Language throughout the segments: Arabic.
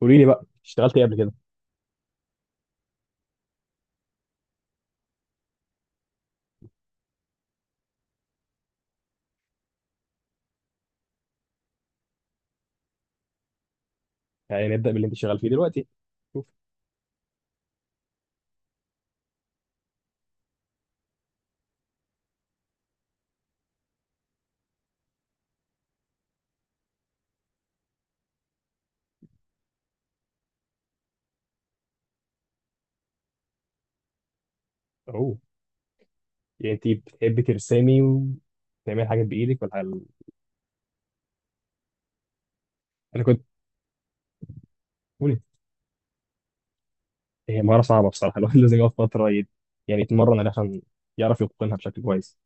قولي لي بقى اشتغلت ايه قبل كده؟ يعني نبدأ باللي انت شغال فيه دلوقتي. شوف. اهو. يعني انت بتحبي ترسمي وتعملي حاجات بايدك ولا انا كنت قولي. هي مهارة صعبة بصراحة. الواحد لازم يقعد فترة يعني يتمرن عشان يعرف يتقنها بشكل كويس.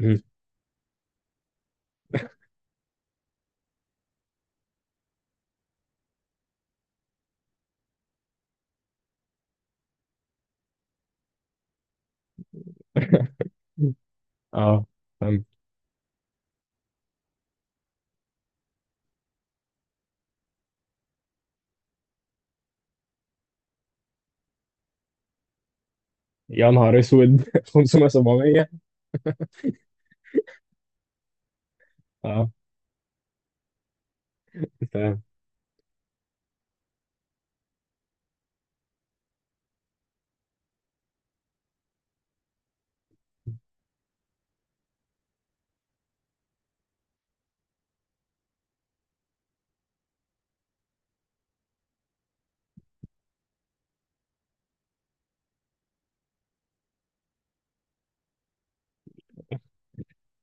مم. اه، فاهم. يا نهار اسود. 500 700. اه، فاهم.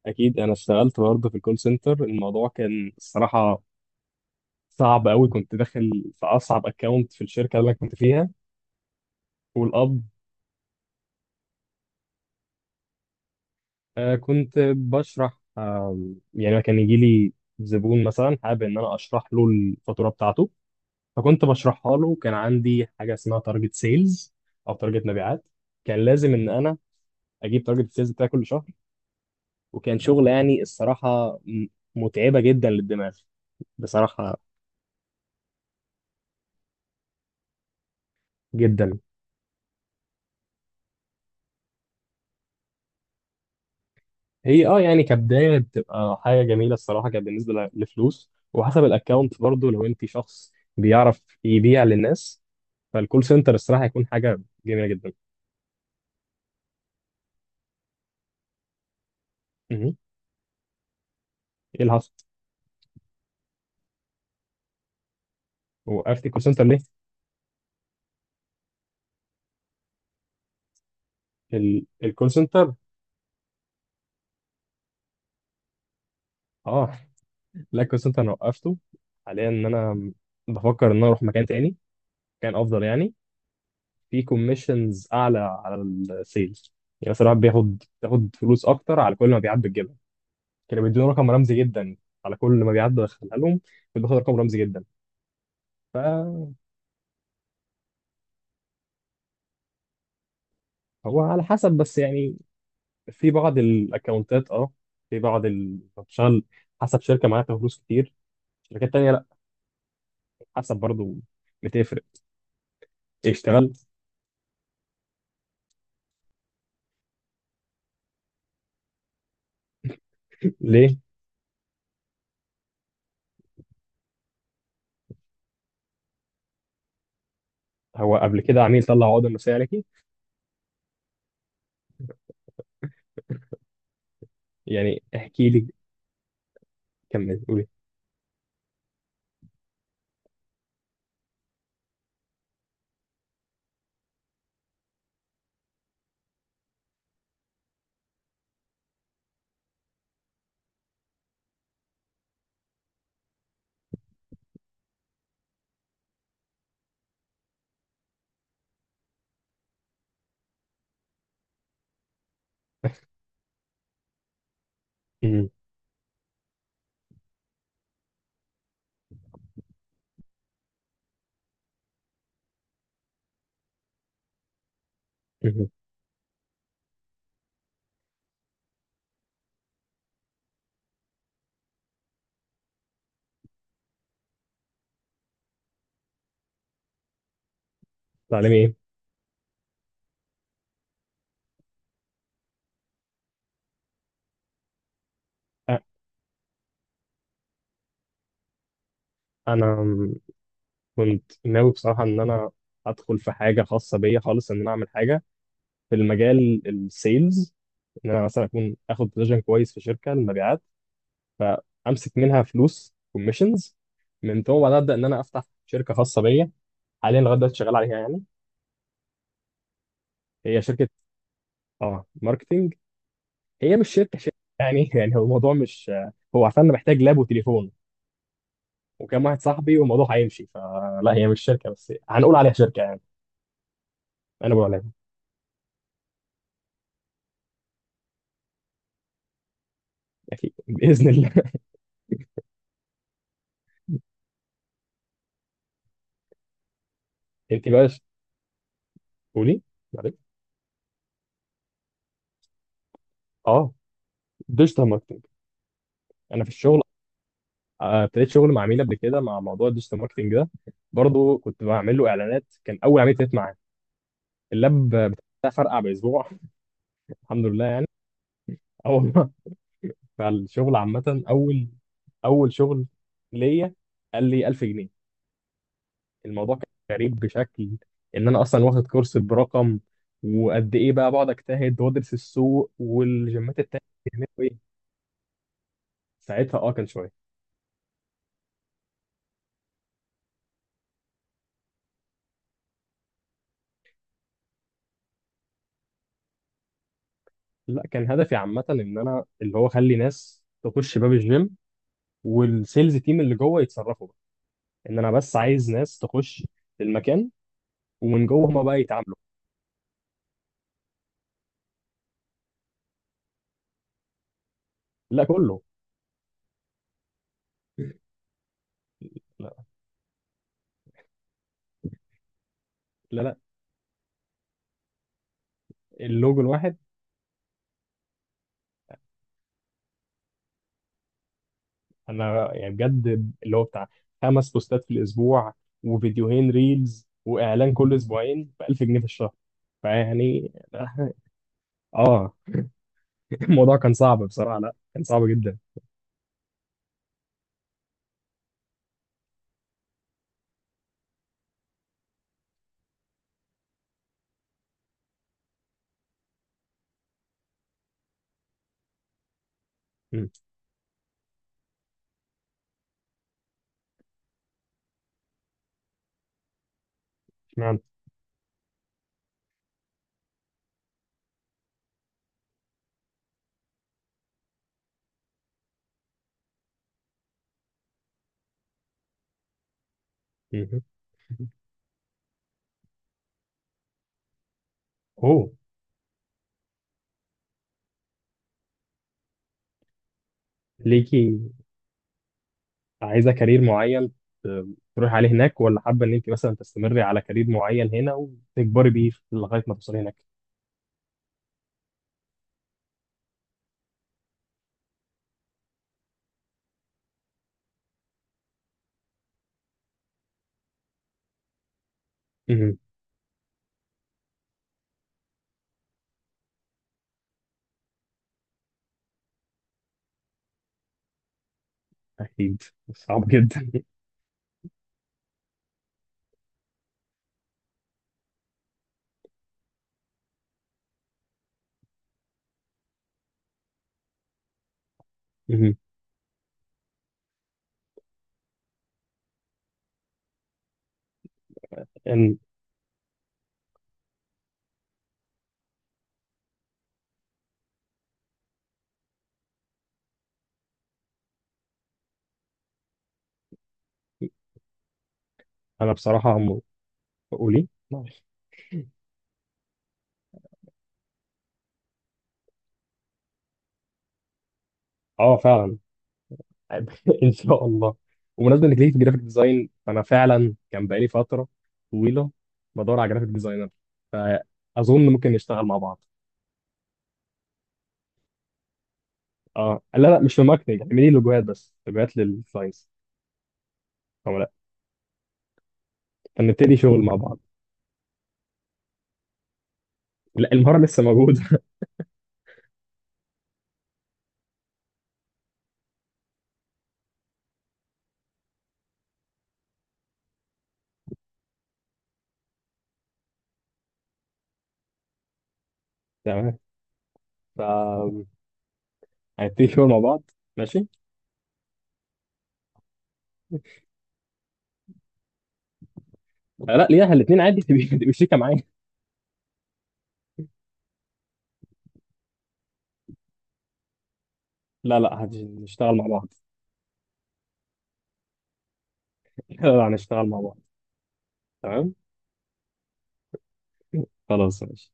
اكيد انا اشتغلت برضه في الكول سنتر. الموضوع كان الصراحه صعب قوي، كنت داخل في اصعب اكونت في الشركه اللي انا كنت فيها. والاب كنت بشرح يعني كان يجي لي زبون مثلا حابب ان انا اشرح له الفاتوره بتاعته، فكنت بشرحها له. كان عندي حاجه اسمها تارجت سيلز، او تارجت مبيعات. كان لازم ان انا اجيب تارجت سيلز بتاعي كل شهر، وكان شغل يعني الصراحه متعبه جدا للدماغ، بصراحه جدا. هي اه يعني كبدايه بتبقى حاجه جميله الصراحه، كانت بالنسبه لفلوس، وحسب الاكونت برضه. لو انت شخص بيعرف يبيع للناس فالكول سنتر الصراحه هيكون حاجه جميله جدا. مهم. ايه اللي حصل؟ وقفت الكول سنتر ليه؟ الكول سنتر. اه. لا الكول سنتر انا وقفته، حاليا ان انا بفكر ان انا اروح مكان تاني كان افضل، يعني في كوميشنز اعلى على السيلز. يعني مثلا الواحد بياخد فلوس اكتر على كل ما بيعد بتجيبها. كانوا بيدوني رقم رمزي جدا، على كل ما بيعد بدخلها لهم كنت باخد رقم رمزي جدا. فهو على حسب بس يعني، في بعض الاكونتات اه، في بعض بتشتغل حسب شركه. معاها فلوس كتير، شركات تانيه لا، حسب برضه، بتفرق. اشتغلت. ليه؟ هو قبل كده عميل طلع عقده نفسيه عليكي؟ يعني احكي لي. كمل قولي. مهم. مهم. تعلمي ايه؟ أ- انا م- كنت ناوي بصراحه ان انا ادخل في حاجه خاصه بيا خالص، ان انا اعمل حاجه في المجال السيلز. ان انا مثلا اكون اخد بوزيشن كويس في شركه المبيعات، فامسك منها فلوس كوميشنز، من ثم بعدها ابدا ان انا افتح شركه خاصه بيا. حاليا لغايه دلوقتي شغال عليها يعني. هي شركه اه ماركتنج. هي مش شركه شركه يعني. يعني هو الموضوع مش، هو عشان انا محتاج لاب وتليفون وكام واحد صاحبي والموضوع هيمشي. فلا هي مش شركه، بس هنقول عليها شركه يعني. انا بقول عليها. اكيد باذن الله. انت بقى ش- قولي. معلش. اه. ديجيتال ماركتنج. انا في الشغل ابتديت شغل مع عميل قبل كده مع موضوع الديجيتال ماركتنج ده، برضه كنت بعمل له اعلانات، كان اول عميل ابتديت معاه. اللاب بتاع فرقع باسبوع. الحمد لله يعني. اه والله. فالشغل عامه، اول شغل ليا قال لي 1000 جنيه. الموضوع كان غريب بشكل، ان انا اصلا واخد كورس برقم، وقد ايه بقى بقعد اجتهد وادرس السوق والجيمات التانية بيعملوا ايه. ساعتها اه، كان شويه. لا كان هدفي عامه ان انا اللي هو اخلي ناس تخش باب الجيم، والسيلز تيم اللي جوه يتصرفوا بقى. ان انا بس عايز ناس تخش المكان، ومن جوه هما بقى يتعاملوا. لا كله. لا، لا. لا. اللوجو الواحد. انا يعني بجد اللي هو بتاع خمس بوستات في الاسبوع وفيديوهين ريلز واعلان كل اسبوعين ب 1000 جنيه في الشهر. فيعني. اه. الموضوع كان صعب بصراحه، لا كان صعب جدا. مم. اشمعنى. مم. اوه. ليكي عايزه كارير معين، ت- تروحي عليه هناك، ولا حابه ان انت مثلا تستمري على كارير معين هنا وتكبري بيه لغايه ما توصلي هناك؟ مم. اكيد صعب جدا. مم. إن- انا بصراحه قولي. اه فعلا. ان شاء الله. وبمناسبه انك ليه في الجرافيك ديزاين، فانا فعلا كان بقالي فتره طويله بدور على جرافيك ديزاينر، فاظن ممكن نشتغل مع بعض. اه، لا لا مش في ماركتنج، اعملي لوجوهات بس، لوجوهات للكلاينتس او لا. فنبتدي شغل مع بعض. لا المهاره لسه موجوده. تمام. ف هنبتدي شغل مع بعض. ماشي. لا ليها الاثنين عادي. تبقي شريكه معايا. لا لا هنشتغل مع بعض. لا لا هنشتغل مع بعض. تمام. خلاص ماشي.